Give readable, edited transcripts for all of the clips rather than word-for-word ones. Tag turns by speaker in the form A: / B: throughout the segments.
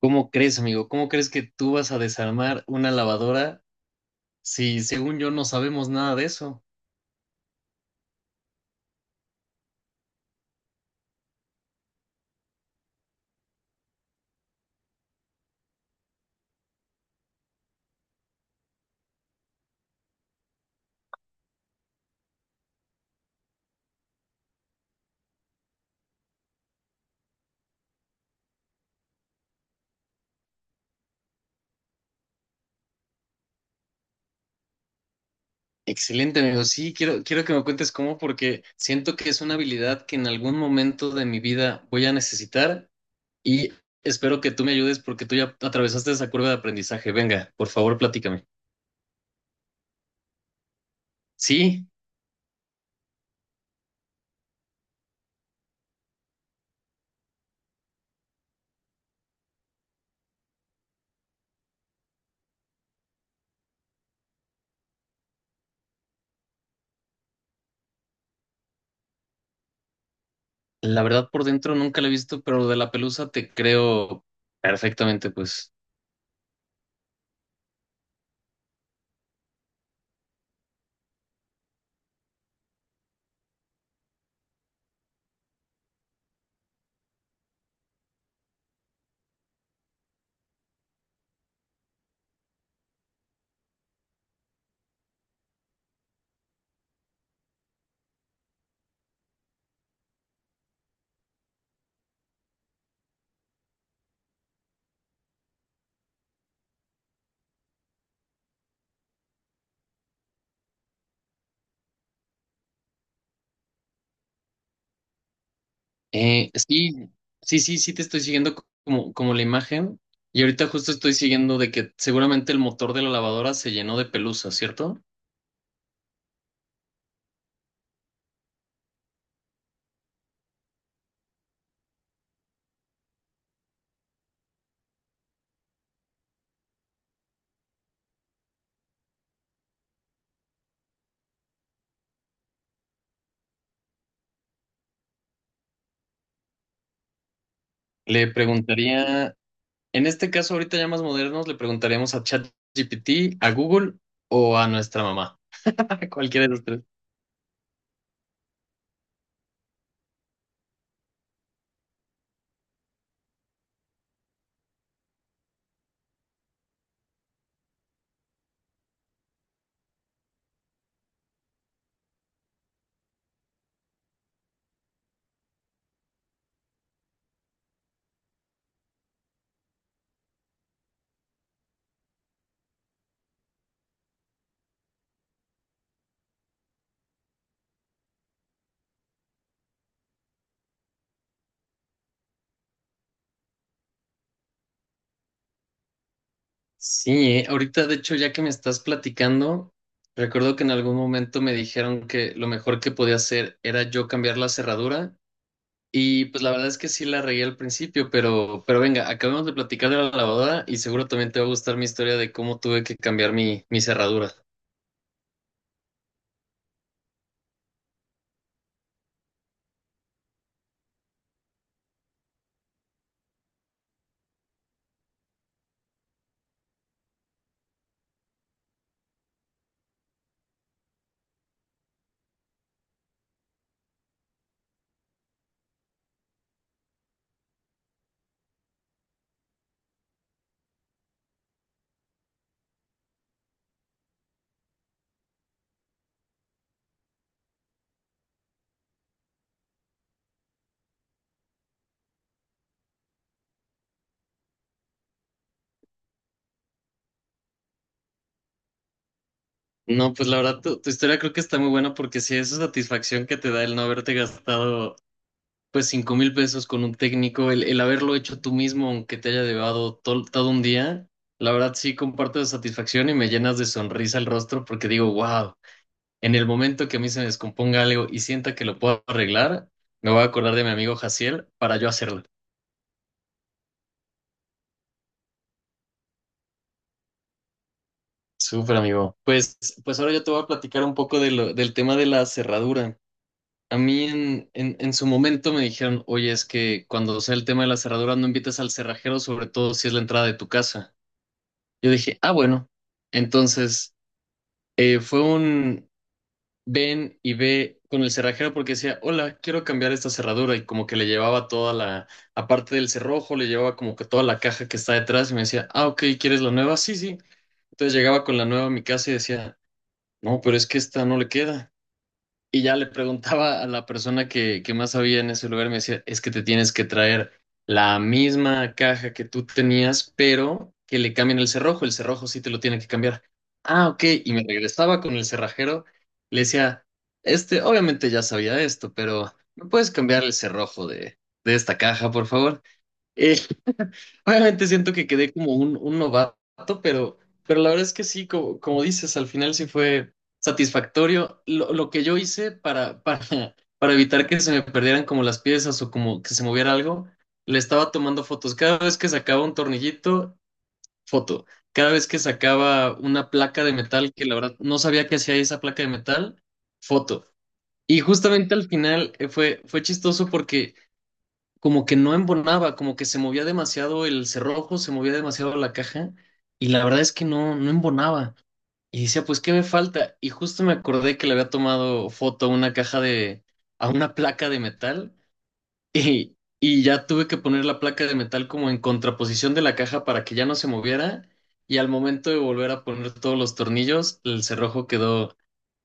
A: ¿Cómo crees, amigo? ¿Cómo crees que tú vas a desarmar una lavadora si, según yo, no sabemos nada de eso? Excelente, amigo. Sí, quiero que me cuentes cómo, porque siento que es una habilidad que en algún momento de mi vida voy a necesitar y espero que tú me ayudes porque tú ya atravesaste esa curva de aprendizaje. Venga, por favor, platícame. Sí, la verdad por dentro nunca la he visto, pero lo de la pelusa te creo perfectamente, pues. Sí, sí te estoy siguiendo como, como la imagen. Y ahorita justo estoy siguiendo de que seguramente el motor de la lavadora se llenó de pelusa, ¿cierto? Le preguntaría, en este caso ahorita ya más modernos, le preguntaríamos a ChatGPT, a Google o a nuestra mamá. Cualquiera de los tres. Sí, ahorita de hecho ya que me estás platicando, recuerdo que en algún momento me dijeron que lo mejor que podía hacer era yo cambiar la cerradura. Y pues la verdad es que sí la regué al principio, pero venga, acabamos de platicar de la lavadora y seguro también te va a gustar mi historia de cómo tuve que cambiar mi cerradura. No, pues la verdad, tu historia creo que está muy buena porque sí, esa satisfacción que te da el no haberte gastado pues 5000 pesos con un técnico, el haberlo hecho tú mismo, aunque te haya llevado todo un día, la verdad sí comparto esa satisfacción y me llenas de sonrisa el rostro porque digo, wow. En el momento que a mí se me descomponga algo y sienta que lo puedo arreglar, me voy a acordar de mi amigo Jaciel para yo hacerlo. Súper amigo. Pues, pues ahora yo te voy a platicar un poco de del tema de la cerradura. A mí en su momento me dijeron, oye, es que cuando sea el tema de la cerradura no invites al cerrajero, sobre todo si es la entrada de tu casa. Yo dije, ah, bueno. Entonces, fue ven y ve con el cerrajero porque decía, hola, quiero cambiar esta cerradura y como que le llevaba toda la, aparte del cerrojo, le llevaba como que toda la caja que está detrás y me decía, ah, ok, ¿quieres la nueva? Sí, sí. Entonces llegaba con la nueva a mi casa y decía, no, pero es que esta no le queda. Y ya le preguntaba a la persona que más sabía en ese lugar, me decía, es que te tienes que traer la misma caja que tú tenías, pero que le cambien el cerrojo sí te lo tiene que cambiar. Ah, ok, y me regresaba con el cerrajero, le decía, este, obviamente ya sabía esto, pero ¿me puedes cambiar el cerrojo de esta caja, por favor? Eh, obviamente siento que quedé como un novato, pero la verdad es que sí, como, como dices, al final sí fue satisfactorio lo que yo hice para, para evitar que se me perdieran como las piezas o como que se moviera algo. Le estaba tomando fotos. Cada vez que sacaba un tornillito, foto. Cada vez que sacaba una placa de metal, que la verdad no sabía qué hacía esa placa de metal, foto. Y justamente al final fue chistoso porque como que no embonaba, como que se movía demasiado el cerrojo, se movía demasiado la caja y la verdad es que no, no embonaba. Y decía, pues, ¿qué me falta? Y justo me acordé que le había tomado foto a una caja de, a una placa de metal y ya tuve que poner la placa de metal como en contraposición de la caja para que ya no se moviera y al momento de volver a poner todos los tornillos, el cerrojo quedó,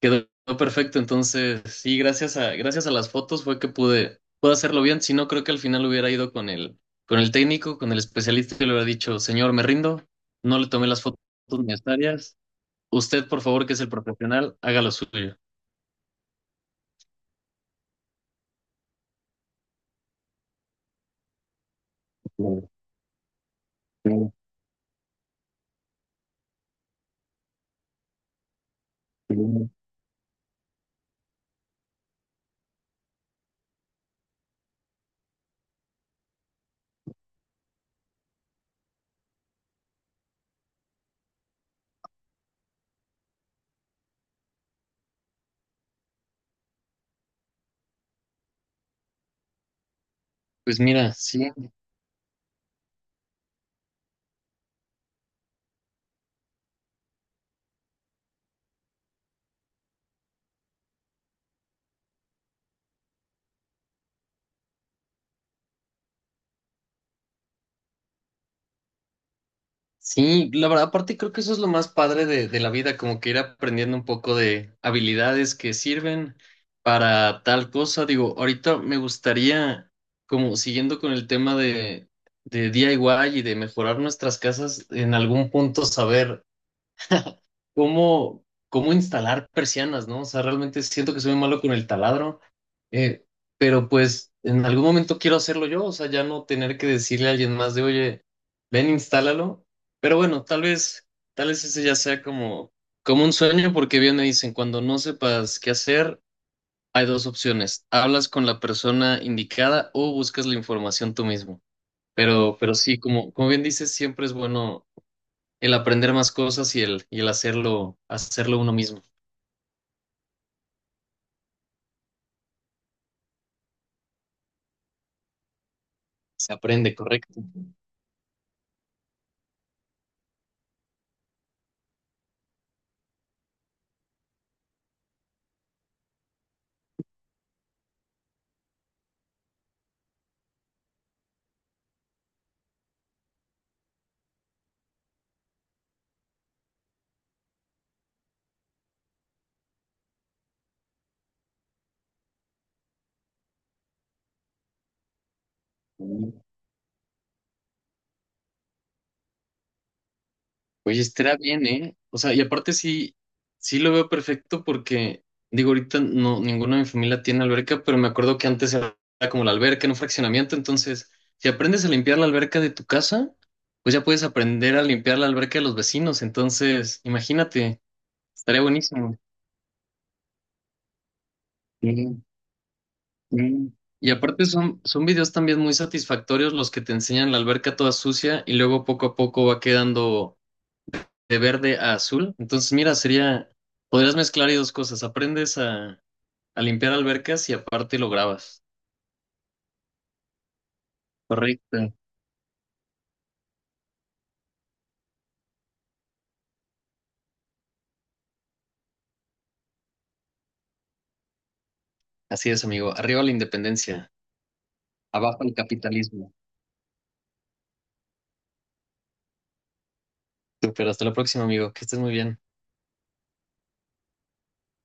A: quedó perfecto, entonces sí, gracias a las fotos fue que pude hacerlo bien, si no creo que al final hubiera ido con con el técnico, con el especialista y le hubiera dicho, señor, me rindo, no le tomé las fotos necesarias, usted por favor que es el profesional, haga lo suyo. Pues mira, sí, sí, la verdad, aparte creo que eso es lo más padre de la vida, como que ir aprendiendo un poco de habilidades que sirven para tal cosa. Digo, ahorita me gustaría, como siguiendo con el tema de DIY y de mejorar nuestras casas, en algún punto saber cómo, cómo instalar persianas, ¿no? O sea, realmente siento que soy muy malo con el taladro, eh, pero pues en algún momento quiero hacerlo yo, o sea, ya no tener que decirle a alguien más de, oye, ven, instálalo. Pero bueno, tal vez ese ya sea como, como un sueño, porque bien me dicen, cuando no sepas qué hacer, hay dos opciones, hablas con la persona indicada o buscas la información tú mismo. Pero sí, como, como bien dices, siempre es bueno el aprender más cosas y el hacerlo uno mismo. Se aprende, correcto. Oye, estará bien, ¿eh? O sea, y aparte sí, sí lo veo perfecto porque, digo, ahorita no, ninguna de mi familia tiene alberca, pero me acuerdo que antes era como la alberca en un fraccionamiento, entonces, si aprendes a limpiar la alberca de tu casa, pues ya puedes aprender a limpiar la alberca de los vecinos, entonces, imagínate, estaría buenísimo. Sí. Mm. Y aparte son, son videos también muy satisfactorios los que te enseñan la alberca toda sucia y luego poco a poco va quedando de verde a azul. Entonces, mira, sería, podrías mezclar ahí dos cosas. Aprendes a limpiar albercas y aparte lo grabas. Correcto. Así es, amigo. Arriba la independencia, abajo el capitalismo. Super, hasta la próxima, amigo. Que estés muy bien.